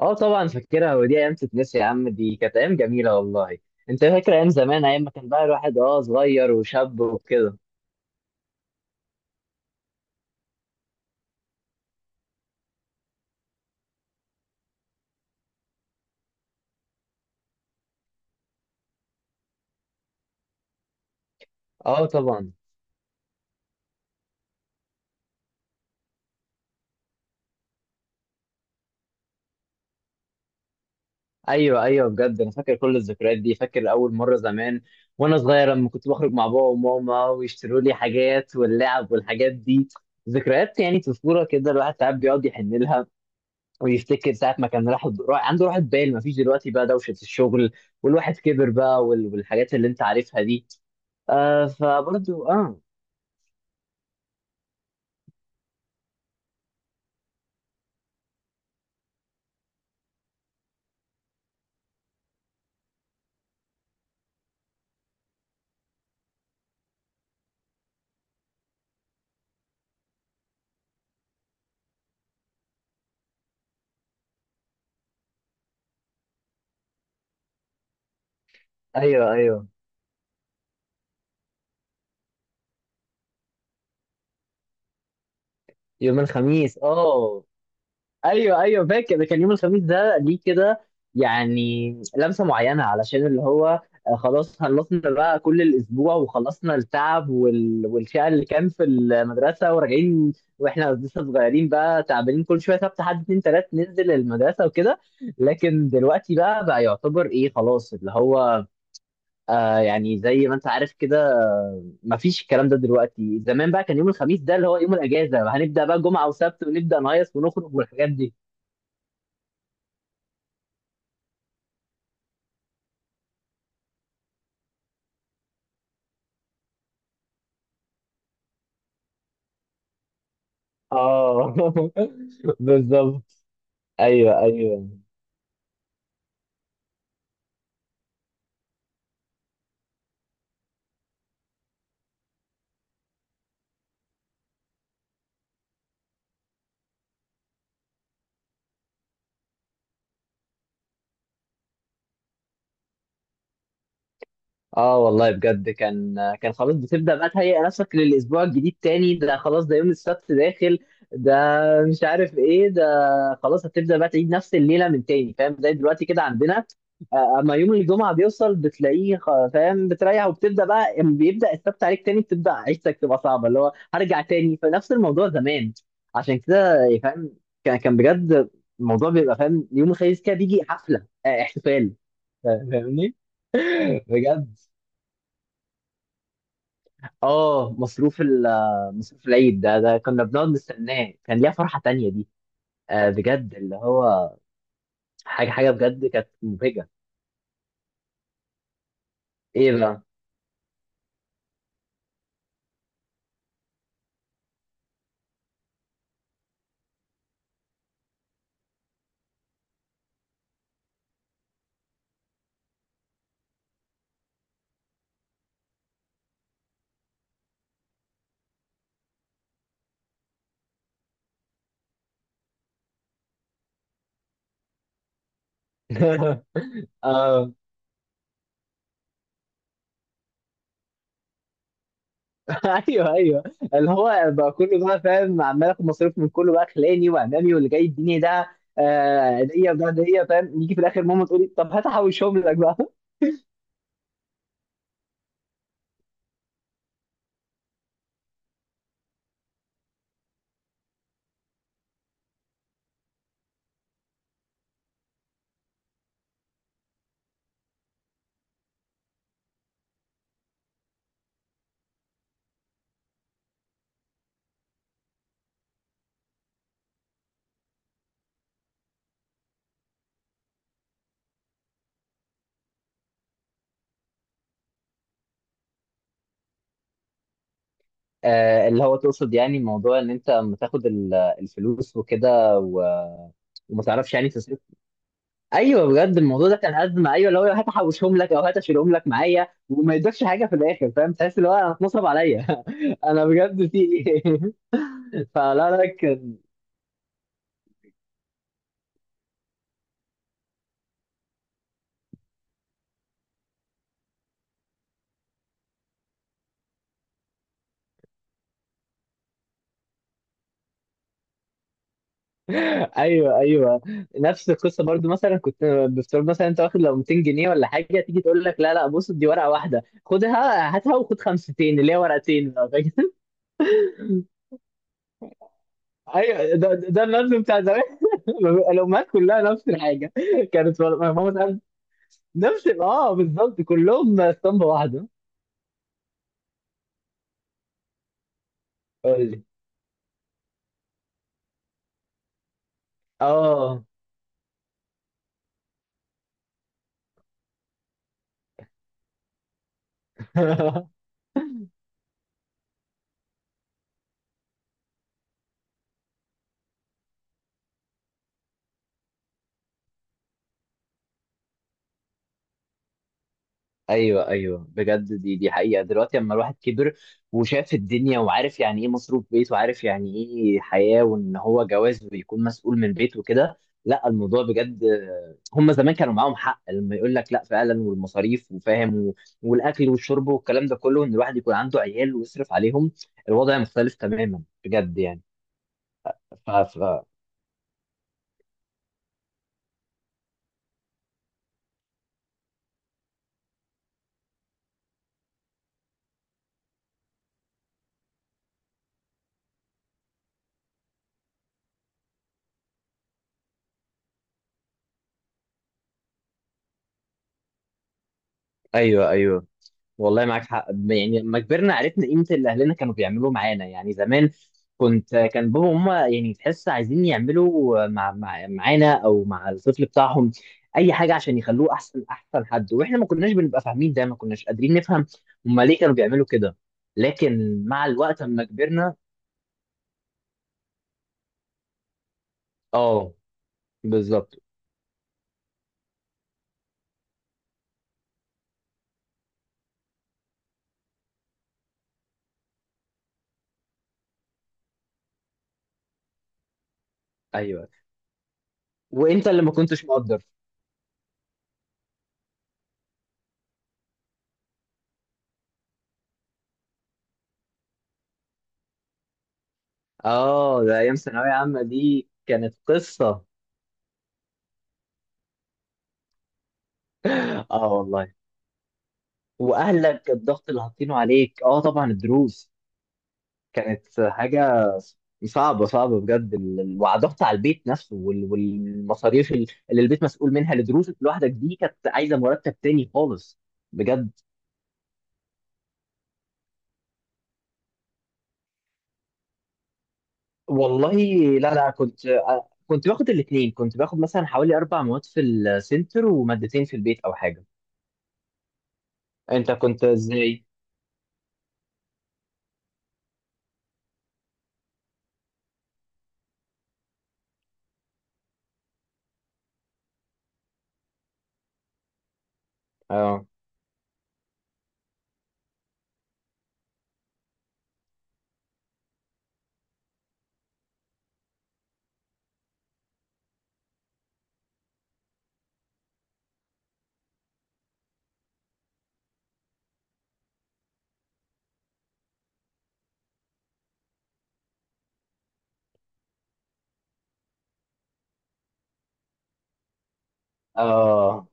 اه طبعا فاكرها، ودي ايام تتنسي يا عم. دي كانت ايام جميله والله. انت فاكر ايام زمان، ايام ما كان بقى الواحد صغير وشاب وكده. اه طبعا. ايوه ايوه، بجد انا فاكر كل الذكريات دي. فاكر اول مره زمان وانا صغير لما كنت بخرج مع بابا وماما ويشتروا لي حاجات واللعب والحاجات دي. ذكريات يعني طفوله كده الواحد ساعات بيقعد يحن لها، ويفتكر ساعه ما كان عنده راحه بال ما فيش دلوقتي، بقى دوشه الشغل والواحد كبر بقى، والحاجات اللي انت عارفها دي. آه، فبرضو اه. ايوه ايوه. يوم الخميس اه. ايوه ايوه، فاكر ده. كان يوم الخميس ده ليه كده؟ يعني لمسه معينه، علشان اللي هو خلاص خلصنا بقى كل الاسبوع وخلصنا التعب والشقه اللي كان في المدرسه، وراجعين واحنا لسه صغيرين بقى، تعبانين كل شويه سبت حد اتنين تلات ننزل المدرسه وكده. لكن دلوقتي بقى يعتبر ايه، خلاص اللي هو آه، يعني زي ما انت عارف كده، مفيش الكلام ده دلوقتي. زمان بقى كان يوم الخميس ده اللي هو يوم الاجازه، هنبدا بقى جمعه وسبت ونبدا نهيص ونخرج والحاجات دي. اه بالظبط. ايوه ايوه. اه والله بجد كان. كان خلاص بتبدأ بقى تهيئ نفسك للأسبوع الجديد تاني. ده خلاص ده يوم السبت داخل ده، مش عارف ايه ده. خلاص هتبدأ بقى تعيد نفس الليلة من تاني، فاهم؟ زي دلوقتي كده عندنا. آه، اما يوم الجمعة بيوصل بتلاقيه فاهم بتريح، وبتبدأ بقى أما بيبدأ السبت عليك تاني بتبدأ عيشتك تبقى صعبة، اللي هو هرجع تاني فنفس الموضوع زمان. عشان كده يعني، فاهم؟ كان بجد الموضوع بيبقى، فاهم، يوم الخميس كده بيجي حفلة آه، احتفال. فاهمني؟ بجد. اه، مصروف العيد ده، ده كنا بنقعد نستناه. كان ليها فرحة تانية دي. آه بجد اللي هو. حاجة بجد كانت مبهجة. ايه بقى؟ اه ايوه ايوه، اللي هو بقى كله بقى فاهم، عمال اخد مصروف من كله بقى، خلاني وامامي واللي جاي يديني ده آه، هديه وده هديه. فاهم، نيجي في الاخر ماما تقولي طب هات احوشهم لك بقى. آه اللي هو تقصد يعني موضوع ان انت لما تاخد الفلوس وكده وما تعرفش يعني تصرف. ايوه، بجد الموضوع ده كان ازمه. ايوه، اللي هو هات احوشهم لك او هات اشيلهم لك معايا، وما يدكش حاجه في الاخر. فاهم، تحس اللي هو انا اتنصب عليا. انا بجد في ايه. فلا لا كان. ايوه ايوه، نفس القصه برضو. مثلا كنت بفترض مثلا انت واخد لو 200 جنيه ولا حاجه، تيجي تقول لك لا لا، بص دي ورقه واحده خدها هاتها وخد خمستين اللي هي ورقتين لو فاكر. ايوه ده النقد بتاع زمان. الامهات كلها نفس الحاجه. كانت ماما تقول نفس، اه بالظبط كلهم اسطمبه واحده. اه ايوه ايوه، بجد دي حقيقه. دلوقتي لما الواحد كبر وشاف الدنيا وعارف يعني ايه مصروف بيت، وعارف يعني ايه حياه، وان هو جواز ويكون مسؤول من بيت وكده، لا الموضوع بجد. هم زمان كانوا معاهم حق لما يقول لك لا فعلا، والمصاريف وفاهم والاكل والشرب والكلام ده كله، ان الواحد يكون عنده عيال ويصرف عليهم. الوضع مختلف تماما بجد يعني. ف... ف... ايوه ايوه، والله معاك حق. يعني لما كبرنا عرفنا قيمة اللي أهلنا كانوا بيعملوه معانا. يعني زمان كنت، كان بابا وماما يعني تحس عايزين يعملوا مع مع معانا أو مع الطفل بتاعهم أي حاجة عشان يخلوه أحسن، أحسن حد. وإحنا ما كناش بنبقى فاهمين ده، ما كناش قادرين نفهم هما ليه كانوا بيعملوا كده. لكن مع الوقت لما كبرنا، آه. بالظبط. أيوه. وأنت اللي ما كنتش مقدر. آه ده أيام ثانوية عامة دي كانت قصة. آه والله. واهلك الضغط اللي حاطينه عليك، اه طبعا الدروس كانت حاجه صعبه. بجد، وضغط على البيت نفسه والمصاريف اللي البيت مسؤول منها لدروسك لوحدك دي، كانت عايزه مرتب تاني خالص بجد والله. لا لا، كنت آه، كنت باخد الاثنين. كنت باخد مثلا حوالي اربع مواد في السنتر ومادتين في البيت او حاجه. انت كنت ازاي؟ اه اه.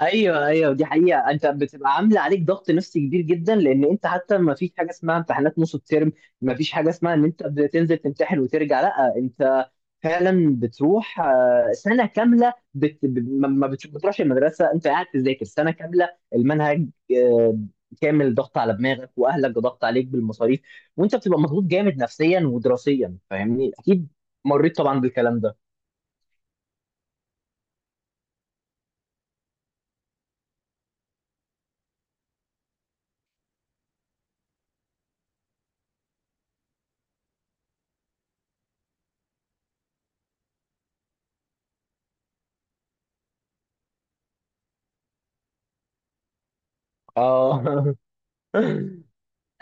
ايوه ايوه، دي حقيقه. انت بتبقى عامله عليك ضغط نفسي كبير جدا، لان انت حتى ما فيش حاجه اسمها امتحانات نص الترم. ما فيش حاجه اسمها ان انت بتنزل تمتحن وترجع، لا انت فعلا بتروح آه، سنه كامله بت... ب- ما ما بت- بتروحش المدرسه، انت قاعد تذاكر سنه كامله المنهج آه، كامل. ضغط على دماغك، واهلك ضغط عليك بالمصاريف، وانت بتبقى مضغوط جامد نفسيا ودراسيا. فاهمني اكيد، مريت طبعا بالكلام ده. اه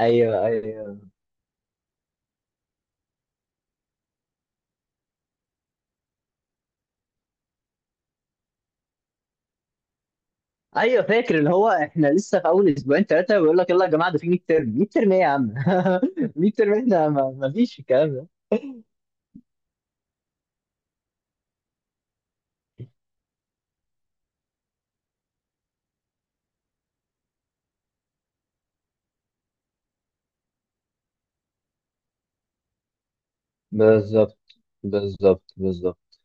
ايوه ايوه. ايوه فاكر، اللي هو احنا لسه في اول اسبوعين ثلاثه بيقول لك يلا يا جماعه ده في 100 ترم. 100 ترم ايه يا عم 100 ترم، احنا ما فيش الكلام ده. بالظبط بالظبط.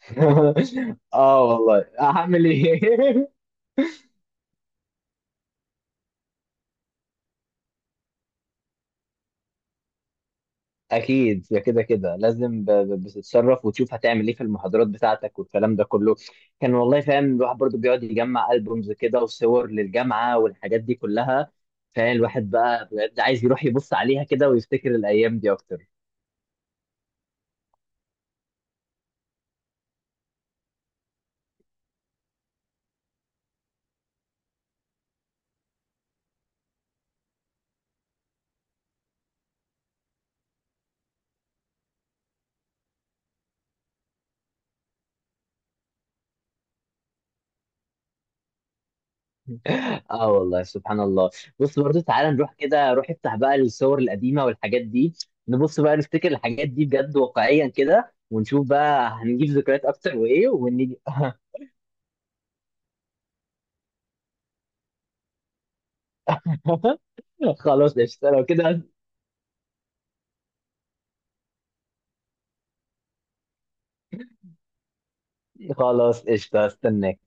اه والله هعمل ايه. اكيد يا، كده كده لازم بتتصرف وتشوف هتعمل ايه في المحاضرات بتاعتك والكلام ده كله. كان والله فاهم الواحد برضو بيقعد يجمع البومز كده وصور للجامعه والحاجات دي كلها. فاهم الواحد بقى بجد عايز يروح يبص عليها كده، ويفتكر الايام دي اكتر. اه والله سبحان الله. بص برضو، تعالى نروح كده. روح افتح بقى الصور القديمه والحاجات دي، نبص بقى نفتكر الحاجات دي بجد واقعيا كده، ونشوف بقى هنجيب ذكريات اكتر وايه، ونيجي. خلاص قشطه لو كده. خلاص قشطه استناك.